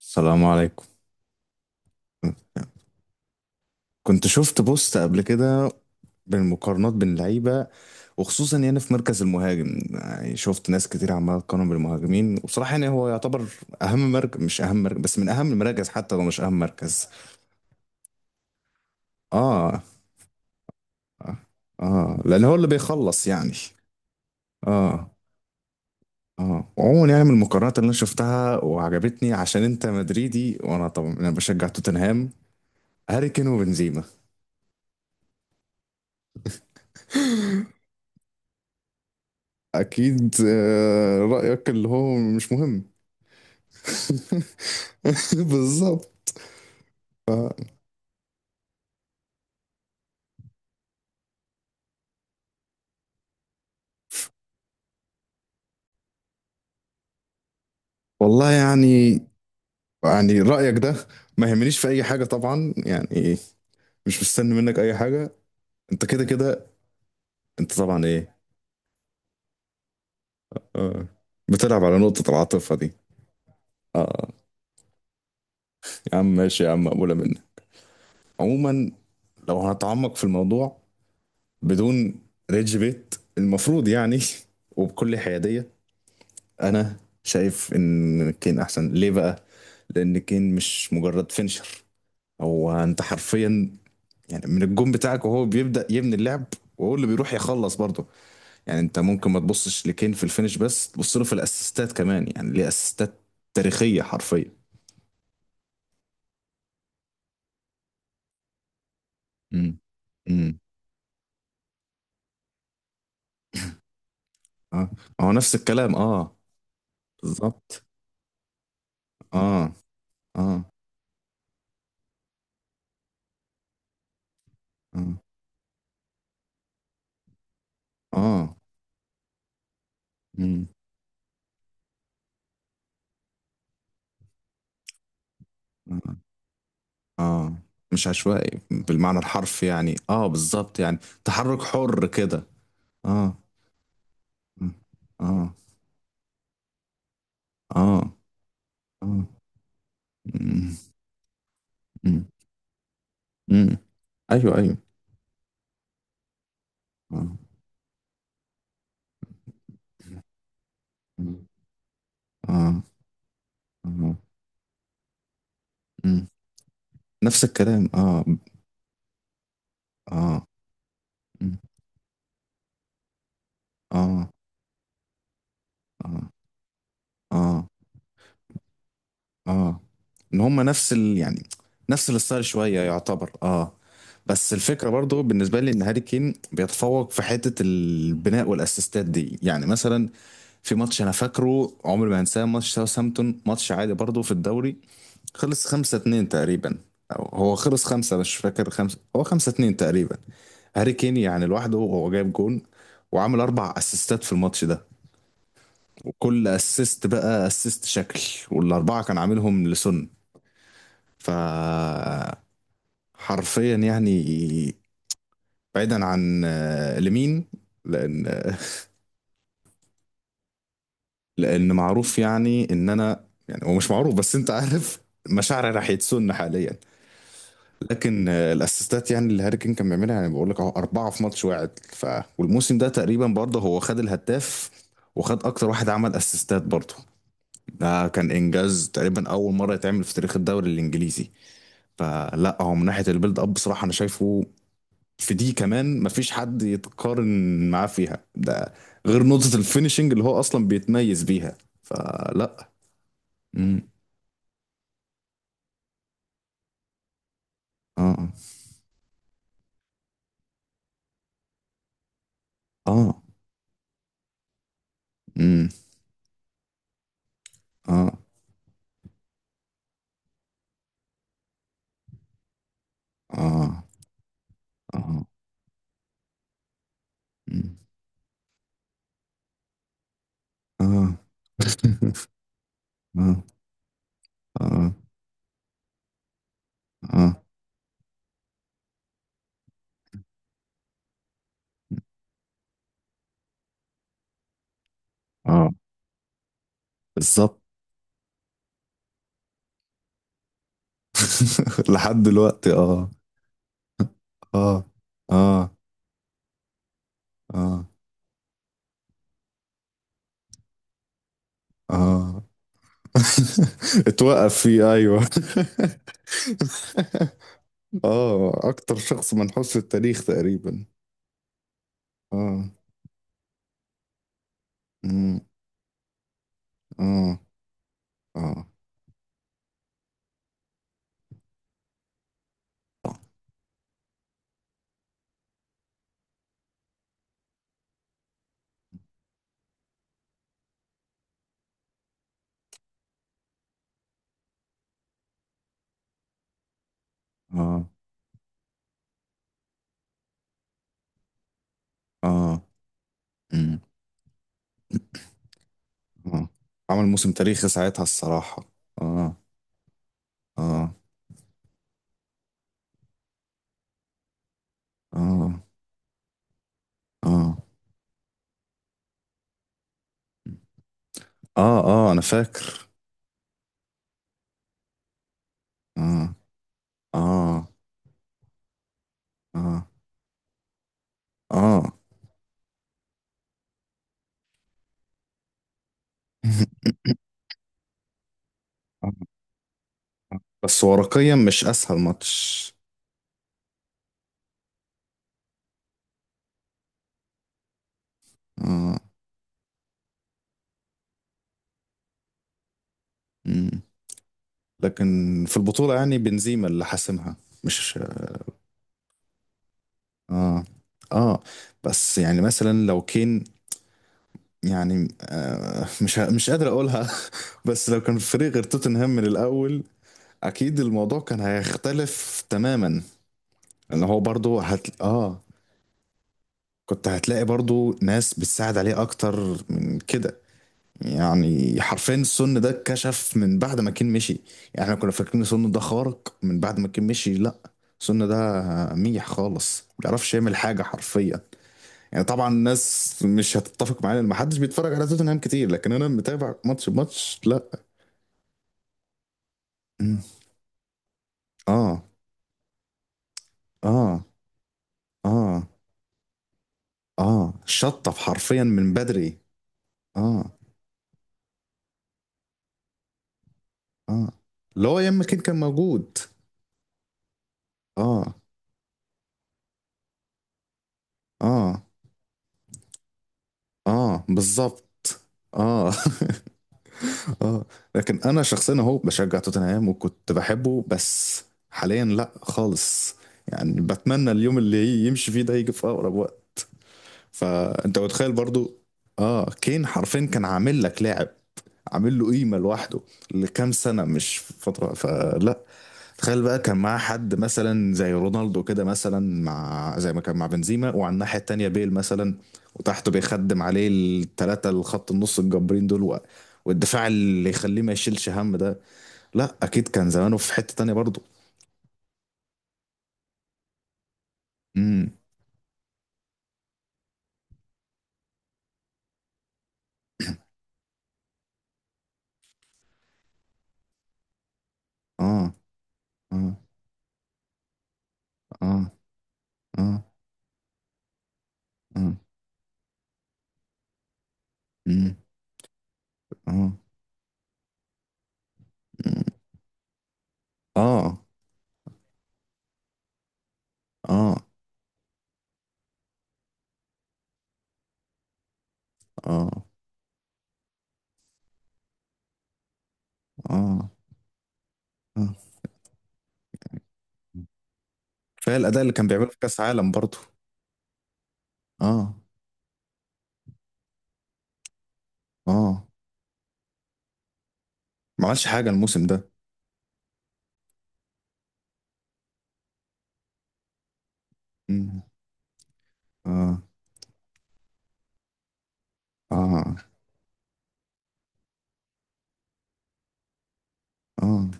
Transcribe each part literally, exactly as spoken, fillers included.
السلام عليكم. كنت شفت بوست قبل كده بالمقارنات بين اللعيبة، وخصوصا يعني في مركز المهاجم. يعني شفت ناس كتير عمالة تقارن بالمهاجمين، وبصراحة يعني هو يعتبر أهم مركز. مش أهم مركز، بس من أهم المراكز، حتى لو مش أهم مركز. آه. آه. آه، لأن هو اللي بيخلص يعني. آه. آه وعموما يعني من المقارنات اللي أنا شفتها وعجبتني، عشان أنت مدريدي، وأنا طبعا أنا بشجع توتنهام، هاري كين وبنزيما. أكيد آه، رأيك اللي هو مش مهم. بالظبط. والله يعني. يعني رأيك ده ما يهمنيش في أي حاجة طبعا، يعني إيه. مش مستني منك أي حاجة. أنت كده كده. أنت طبعا إيه. آه. بتلعب على نقطة العاطفة دي. آه. يا عم ماشي، يا عم مقبولة منك. عموما، لو هنتعمق في الموضوع بدون ريدج بيت المفروض يعني، وبكل حيادية، أنا شايف إن كين أحسن. ليه بقى؟ لأن كين مش مجرد فينشر، هو أنت حرفيا يعني من الجون بتاعك وهو بيبدأ يبني اللعب، وهو اللي بيروح يخلص برضه. يعني انت ممكن ما تبصش لكين في الفينش، بس تبص له في الاسيستات كمان. يعني ليه اسيستات تاريخية حرفيا. امم. امم. اه. ما هو نفس الكلام اه. بالظبط. اه. اه. اه. اه. مم. اه. آه. مش عشوائي بالمعنى الحرفي يعني، اه بالظبط يعني. تحرك حر كده. اه. اه. اه. اه. آه. مم. مم. مم. ايوه ايوه. اه. اه. اه. مم. نفس الكلام اه. اه. مم. اه. اه. اه. اه. ان هم نفس ال يعني، نفس الستايل شويه يعتبر اه. بس الفكره برضو بالنسبه لي ان هاري كين بيتفوق في حته البناء والاسيستات دي. يعني مثلا في ماتش انا فاكره عمري ما هنساه، ماتش ساوثهامبتون، ماتش عادي برضو في الدوري، خلص خمسة اتنين تقريبا، أو هو خلص خمسة، مش فاكر خمسة، هو خمسة اتنين تقريبا. هاري كين يعني لوحده هو جايب جون وعامل أربع أسيستات في الماتش ده، وكل أسيست بقى أسيست شكل، والأربعة كان عاملهم لسون. ف حرفيا يعني بعيدا عن آه، لمين، لأن آه، لأن معروف يعني إن أنا يعني، هو مش معروف بس أنت عارف مشاعري راح يتسن حاليا. لكن آه، الاسيستات يعني اللي هاري كين كان بيعملها يعني، بقول لك اهو، اربعه في ماتش واحد. ف والموسم ده تقريبا برضه هو خد الهداف، وخد اكتر واحد عمل اسيستات برضه. ده كان انجاز تقريبا اول مره يتعمل في تاريخ الدوري الانجليزي. فلا هو من ناحيه البيلد اب بصراحه انا شايفه في دي كمان مفيش حد يتقارن معاه فيها، ده غير نقطه الفينيشنج اللي هو اصلا بيتميز بيها. فلا. امم. اه. اه. امم. اه. اه. اه. مم. اه. اه. اه. اه. اه. اه، اه، اه، بالظبط. لحد دلوقتي اه. اه. اه. اه. اه. اتوقف فيه ايوه. اه اكتر شخص منحوس في التاريخ تقريبا. اه. أمم. اه. اه. اه. اه. أمم. اه عمل موسم تاريخي ساعتها الصراحة. اه. اه. اه. اه. اه. اه. اه، انا فاكر. اه. اه. اه. اه. آه. بس ورقيا مش اسهل ماتش. اه. مم. لكن في البطولة يعني بنزيما اللي حاسمها، مش. اه. اه. بس يعني مثلا لو كين، يعني آه مش ه- مش قادر اقولها. بس لو كان في فريق غير توتنهام من الاول، اكيد الموضوع كان هيختلف تماما. لان هو برضو هت... اه كنت هتلاقي برضو ناس بتساعد عليه اكتر من كده. يعني حرفيا السن ده اتكشف من بعد ما كين مشي. يعني احنا كنا فاكرين السن ده خارق، من بعد ما كين مشي لا، السن ده ميح خالص، ما بيعرفش يعمل حاجة حرفيا. يعني طبعا الناس مش هتتفق معايا ان محدش بيتفرج على توتنهام كتير، لكن انا متابع ماتش ماتش لا. مم. اه. اه. اه. اه شطف حرفيا من بدري. اه. اه. اللي هو ياما كين كان موجود. اه. اه. اه بالظبط. اه. اه. لكن انا شخصيا اهو بشجع توتنهام وكنت بحبه، بس حاليا لا خالص. يعني بتمنى اليوم اللي يمشي فيه ده يجي في اقرب وقت. فانت متخيل برضو اه، كين حرفيا كان عامل لك لاعب، عامل له قيمة لوحده لكام سنة مش فترة. فلا، تخيل بقى كان معاه حد مثلا زي رونالدو كده مثلا، مع زي ما كان مع بنزيما، وعلى الناحية التانية بيل مثلا، وتحته بيخدم عليه التلاتة، الخط النص الجبارين دول، و- والدفاع اللي يخليه ما يشيلش هم ده، لا أكيد كان زمانه في حتة تانية برضه. امم. اه. اه. اه. اه. اه. امم. اه. اه. اه. اه. اه. اه كفاية الأداء اللي كان بيعمله في كأس عالم برضه. اه. اه ما عملش حاجة الموسم ده. امم. اه. آه. آه.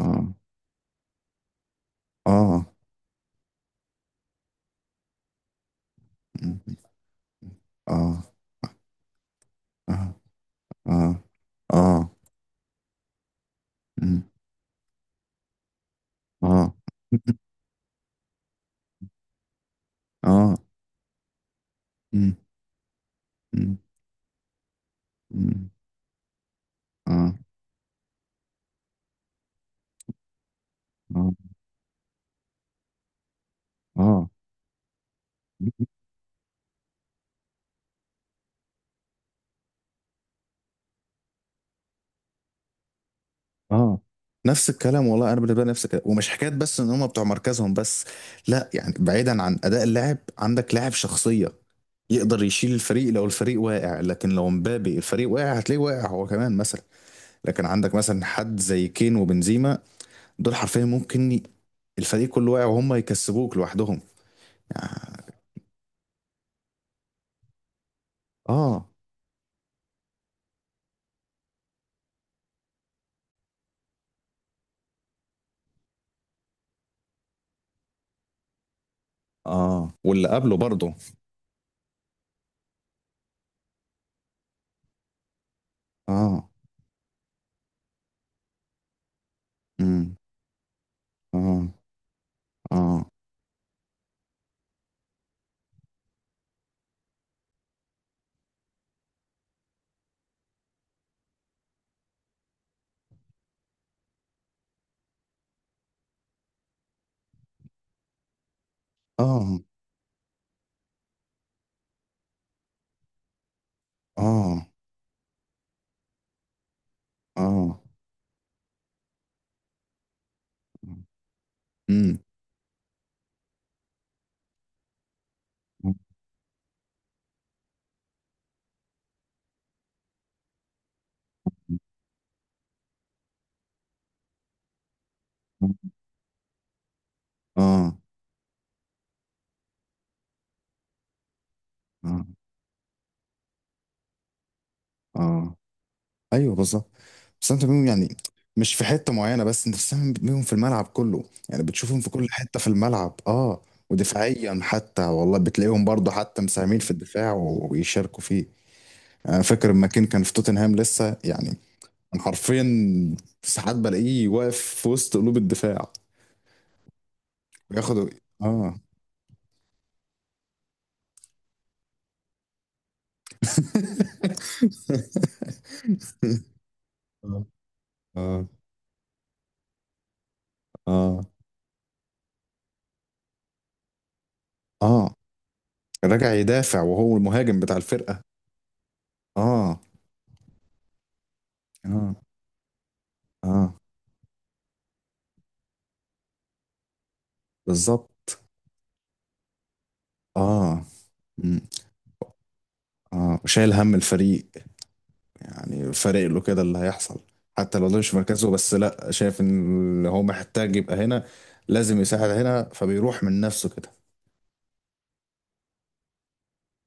آه. آه. مم. آه. آه. آه. آه. مم. آه. آه. مم. مم. مم. آه. آه. آه. آه. نفس الكلام والله، أنا بالنسبة لي نفس الكلام، ومش حكاية بس إن هم بتوع مركزهم بس. لا يعني، بعيدا عن أداء اللاعب، عندك لاعب شخصية يقدر يشيل الفريق لو الفريق واقع. لكن لو مبابي، الفريق واقع هتلاقيه واقع هو كمان مثلا. لكن عندك مثلا حد زي كين وبنزيما، دول حرفيا ممكن ي- الفريق كله واقع وهم يكسبوك لوحدهم. يعني- اه. اه واللي قبله برضه. اه. امم. اه. اه. اه. اه. اه. امم. اه. اه. اه. ايوه بالظبط. بس انت بيهم يعني مش في حته معينه، بس انت بتساهم بيهم في الملعب كله، يعني بتشوفهم في كل حته في الملعب اه. ودفاعيا حتى والله بتلاقيهم برضه حتى مساهمين في الدفاع ويشاركوا فيه. انا فاكر لما كين كان في توتنهام لسه يعني، كان حرفيا ساعات بلاقيه واقف في وسط قلوب الدفاع، بياخد. اه. اه. اه. اه. اه راجع يدافع وهو المهاجم بتاع الفرقة. اه. اه. اه بالظبط. اه. مم. اه وشايل هم الفريق. يعني فارق له كده اللي هيحصل. حتى لو ده مش مركزه، بس لا شايف ان هو محتاج يبقى هنا، لازم يساعد هنا، فبيروح من نفسه كده.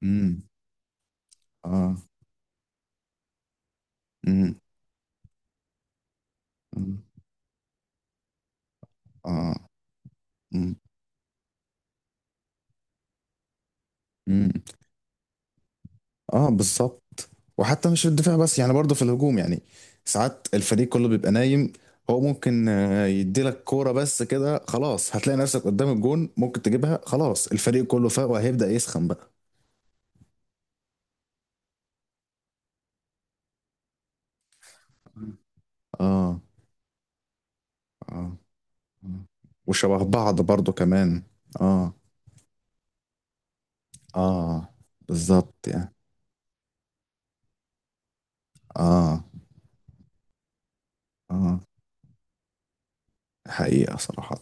امم. اه. امم. أمم. اه. امم. أمم. اه بالظبط. وحتى مش في الدفاع بس يعني، برضه في الهجوم يعني، ساعات الفريق كله بيبقى نايم، هو ممكن آه، يديلك كورة بس كده، خلاص هتلاقي نفسك قدام الجون، ممكن تجيبها، خلاص الفريق كله فاق وهيبدأ يسخن بقى. اه. اه. مم. وشبه بعض برضو كمان. اه. اه بالظبط يعني. اه. اه. حقيقة صراحة.